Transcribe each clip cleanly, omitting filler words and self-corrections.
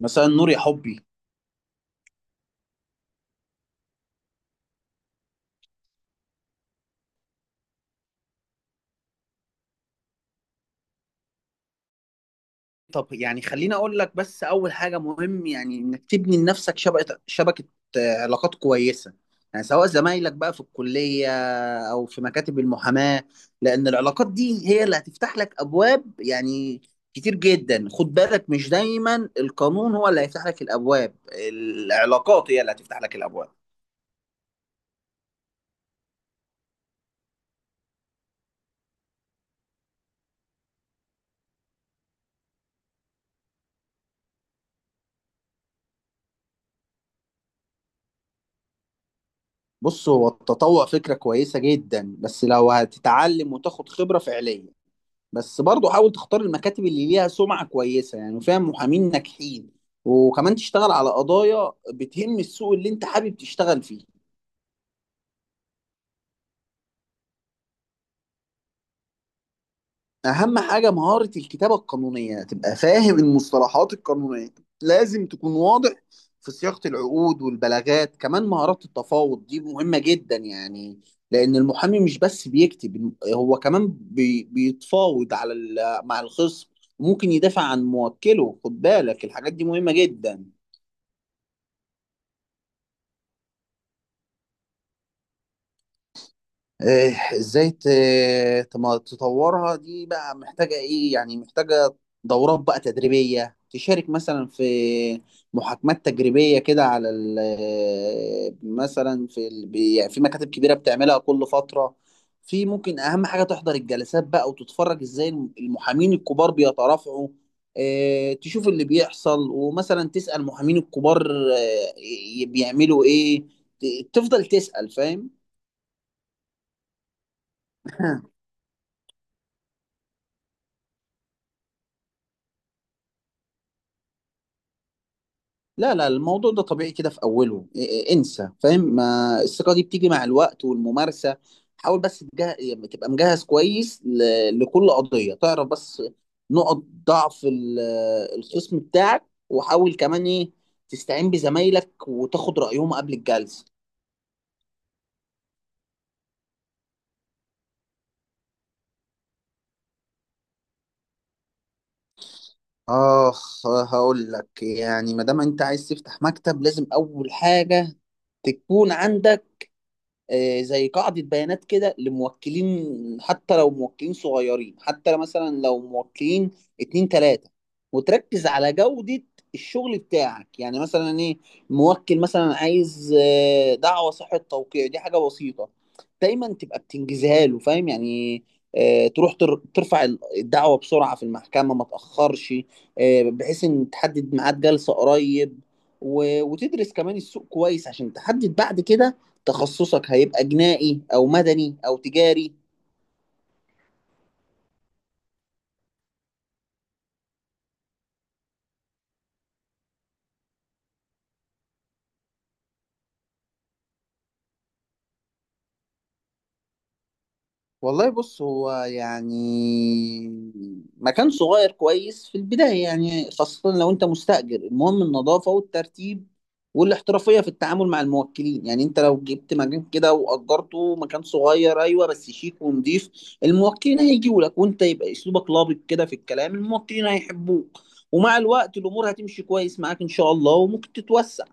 مثلا نور يا حبي. طب يعني خليني اقول لك، بس اول حاجه مهم يعني انك تبني لنفسك شبكه شبكه، علاقات كويسه. يعني سواء زمايلك بقى في الكليه او في مكاتب المحاماه، لان العلاقات دي هي اللي هتفتح لك ابواب يعني كتير جدا. خد بالك، مش دايما القانون هو اللي هيفتح لك الابواب، العلاقات هي اللي هتفتح لك الابواب. بص، هو التطوع فكره كويسه جدا بس لو هتتعلم وتاخد خبره فعليه. بس برضه حاول تختار المكاتب اللي ليها سمعة كويسة يعني، وفيها محامين ناجحين. وكمان تشتغل على قضايا بتهم السوق اللي انت حابب تشتغل فيه. اهم حاجة مهارة الكتابة القانونية، تبقى فاهم المصطلحات القانونية. لازم تكون واضح في صياغة العقود والبلاغات. كمان مهارات التفاوض دي مهمة جدا يعني، لأن المحامي مش بس بيكتب، هو كمان بيتفاوض مع الخصم، وممكن يدافع عن موكله. خد بالك الحاجات دي مهمة جدا. ازاي تطورها؟ دي بقى محتاجة ايه؟ يعني محتاجة دورات بقى تدريبية، تشارك مثلا في محاكمات تجريبيه كده مثلا يعني في مكاتب كبيرة بتعملها كل فترة. في ممكن اهم حاجة تحضر الجلسات بقى وتتفرج ازاي المحامين الكبار بيترافعوا. تشوف اللي بيحصل، ومثلا تسأل المحامين الكبار بيعملوا ايه. تفضل تسأل، فاهم؟ لا لا، الموضوع ده طبيعي كده في اوله. إيه- إيه، انسى، فاهم؟ ما الثقه دي بتيجي مع الوقت والممارسه. حاول بس يعني تبقى مجهز كويس لكل قضيه، تعرف بس نقط ضعف الخصم بتاعك، وحاول كمان ايه، تستعين بزمايلك وتاخد رايهم قبل الجلسه. اخ، هقول لك يعني. ما دام انت عايز تفتح مكتب، لازم اول حاجه تكون عندك زي قاعدة بيانات كده لموكلين، حتى لو موكلين صغيرين، حتى لو مثلا لو موكلين اتنين تلاتة، وتركز على جودة الشغل بتاعك. يعني مثلا ايه، موكل مثلا عايز دعوة صحة توقيع، دي حاجة بسيطة، دايما تبقى بتنجزها له، فاهم؟ يعني تروح ترفع الدعوة بسرعة في المحكمة، ما تأخرش، بحيث ان تحدد ميعاد جلسة قريب. وتدرس كمان السوق كويس عشان تحدد بعد كده تخصصك هيبقى جنائي او مدني او تجاري. والله بص، هو يعني مكان صغير كويس في البداية، يعني خاصة لو انت مستأجر. المهم النظافة والترتيب والاحترافية في التعامل مع الموكلين. يعني انت لو جبت مكان كده وأجرته، مكان صغير ايوه بس شيك ونضيف، الموكلين هيجوا لك. وانت يبقى اسلوبك لابق كده في الكلام، الموكلين هيحبوك، ومع الوقت الامور هتمشي كويس معاك ان شاء الله وممكن تتوسع.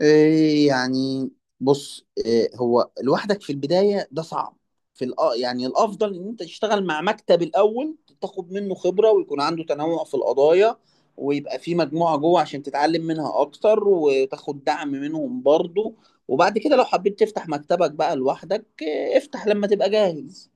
إيه يعني، بص، إيه هو لوحدك في البداية ده صعب. يعني الأفضل إن أنت تشتغل مع مكتب الأول، تاخد منه خبرة ويكون عنده تنوع في القضايا، ويبقى في مجموعة جوه عشان تتعلم منها أكتر وتاخد دعم منهم برضو. وبعد كده لو حبيت تفتح مكتبك بقى لوحدك، افتح لما تبقى جاهز.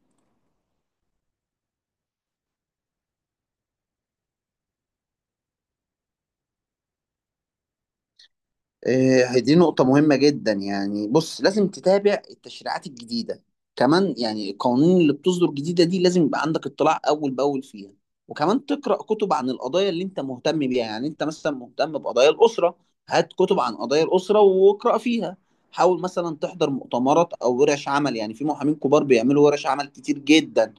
دي نقطة مهمة جدا يعني. بص، لازم تتابع التشريعات الجديدة، كمان يعني القوانين اللي بتصدر جديدة دي لازم يبقى عندك اطلاع أول بأول فيها. وكمان تقرأ كتب عن القضايا اللي أنت مهتم بيها. يعني أنت مثلا مهتم بقضايا الأسرة، هات كتب عن قضايا الأسرة واقرأ فيها. حاول مثلا تحضر مؤتمرات أو ورش عمل. يعني في محامين كبار بيعملوا ورش عمل كتير جدا،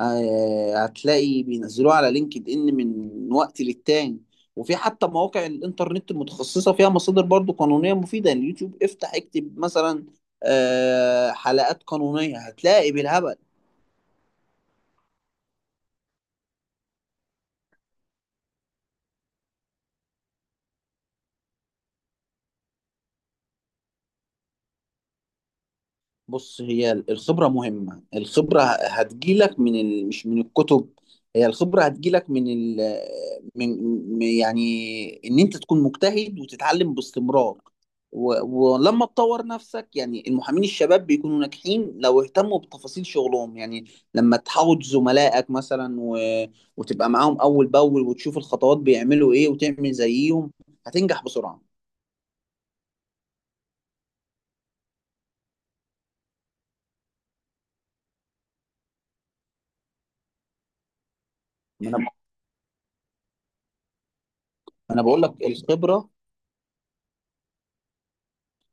هتلاقي بينزلوها على لينكد إن من وقت للتاني. وفي حتى مواقع الانترنت المتخصصه فيها مصادر برضو قانونيه مفيده. يعني اليوتيوب افتح اكتب مثلا حلقات قانونيه، هتلاقي بالهبل. بص، هي الخبرة مهمة. الخبرة هتجيلك مش من الكتب. هي الخبرة هتجيلك من ال... من من- يعني إن أنت تكون مجتهد وتتعلم باستمرار و... ولما تطور نفسك. يعني المحامين الشباب بيكونوا ناجحين لو اهتموا بتفاصيل شغلهم. يعني لما تحاوط زملائك مثلا وتبقى معاهم أول بأول وتشوف الخطوات بيعملوا إيه وتعمل زيهم، هتنجح بسرعة. ما أنا ما أنا بقول لك الخبرة،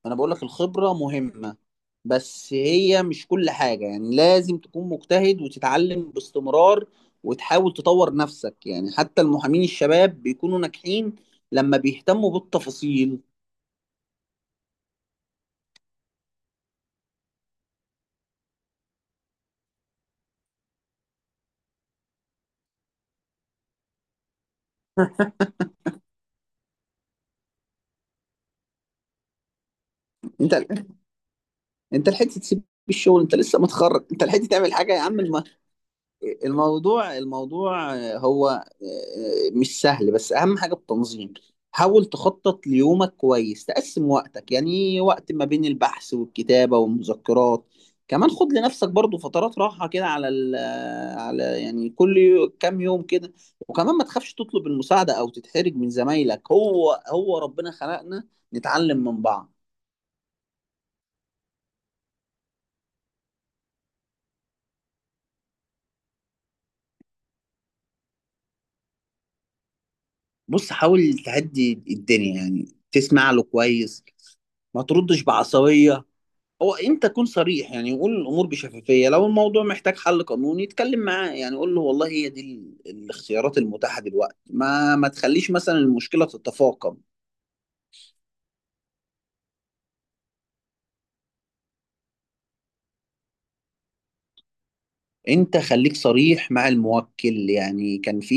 انا بقول لك الخبرة مهمة، بس هي مش كل حاجة. يعني لازم تكون مجتهد وتتعلم باستمرار، وتحاول تطور نفسك. يعني حتى المحامين الشباب بيكونوا ناجحين لما بيهتموا بالتفاصيل. انت انت لحقت تسيب الشغل؟ انت لسه متخرج، انت لحقت تعمل حاجة يا عم؟ الموضوع هو مش سهل، بس اهم حاجه التنظيم. حاول تخطط ليومك كويس، تقسم وقتك يعني وقت ما بين البحث والكتابه والمذكرات. كمان خد لنفسك برضو فترات راحه كده على يعني كل كام يوم كده. وكمان ما تخافش تطلب المساعده او تتحرج من زمايلك، هو ربنا خلقنا نتعلم من بعض. بص حاول تهدي الدنيا يعني، تسمع له كويس، ما تردش بعصبيه، هو انت كن صريح، يعني قول الامور بشفافيه. لو الموضوع محتاج حل قانوني اتكلم معاه يعني، قول له والله هي دي الاختيارات المتاحه دلوقتي، ما تخليش مثلا المشكله تتفاقم. انت خليك صريح مع الموكل. يعني كان في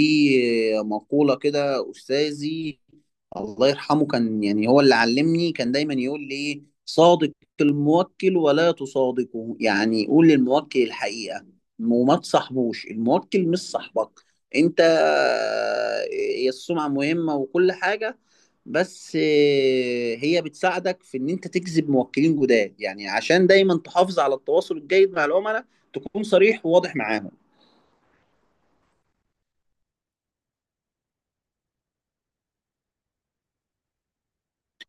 مقوله كده، استاذي الله يرحمه، كان يعني هو اللي علمني، كان دايما يقول لي، صادق الموكل ولا تصادقه. يعني قول للموكل الحقيقة، وما تصاحبوش، الموكل مش صاحبك انت. هي السمعة مهمة وكل حاجة، بس هي بتساعدك في ان انت تجذب موكلين جداد. يعني عشان دايما تحافظ على التواصل الجيد مع العملاء، تكون صريح وواضح معاهم.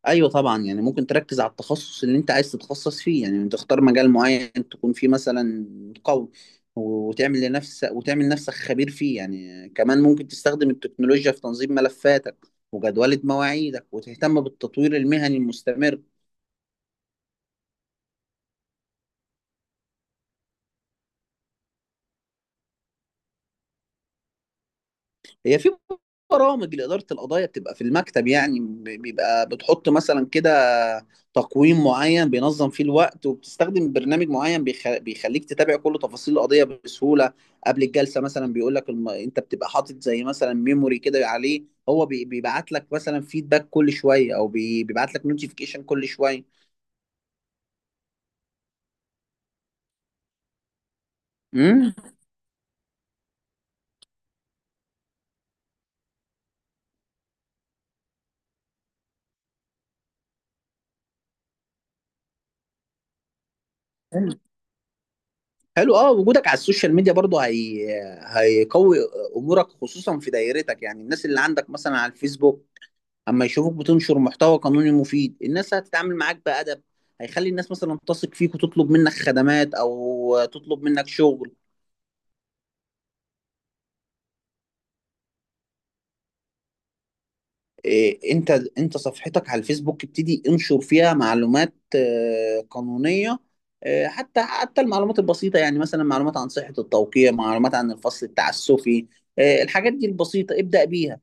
ايوه طبعا، يعني ممكن تركز على التخصص اللي انت عايز تتخصص فيه، يعني تختار مجال معين تكون فيه مثلا قوي، وتعمل لنفسك، وتعمل نفسك خبير فيه. يعني كمان ممكن تستخدم التكنولوجيا في تنظيم ملفاتك وجدولة مواعيدك، وتهتم بالتطوير المهني المستمر. هي في برامج لإدارة القضايا بتبقى في المكتب يعني، بيبقى بتحط مثلا كده تقويم معين بينظم فيه الوقت، وبتستخدم برنامج معين بيخليك تتابع كل تفاصيل القضية بسهولة. قبل الجلسة مثلا بيقول لك انت بتبقى حاطط زي مثلا ميموري كده عليه. هو بيبعت لك مثلا فيدباك كل شوية، او بيبعت لك نوتيفيكيشن كل شوية. امم حلو، حلو. اه، وجودك على السوشيال ميديا برضه هيقوي امورك، خصوصا في دايرتك. يعني الناس اللي عندك مثلا على الفيسبوك، اما يشوفوك بتنشر محتوى قانوني مفيد، الناس هتتعامل معاك بأدب، هيخلي الناس مثلا تثق فيك وتطلب منك خدمات او تطلب منك شغل. إيه، انت انت صفحتك على الفيسبوك، ابتدي انشر فيها معلومات قانونية. حتى المعلومات البسيطة، يعني مثلا معلومات عن صحة التوقيع، معلومات عن الفصل التعسفي. الحاجات دي البسيطة ابدأ بيها.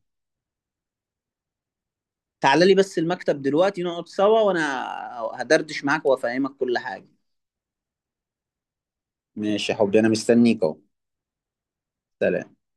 تعال لي بس المكتب دلوقتي نقعد سوا، وانا هدردش معاك وافهمك كل حاجة. ماشي يا حبيبي، انا مستنيك اهو. سلام.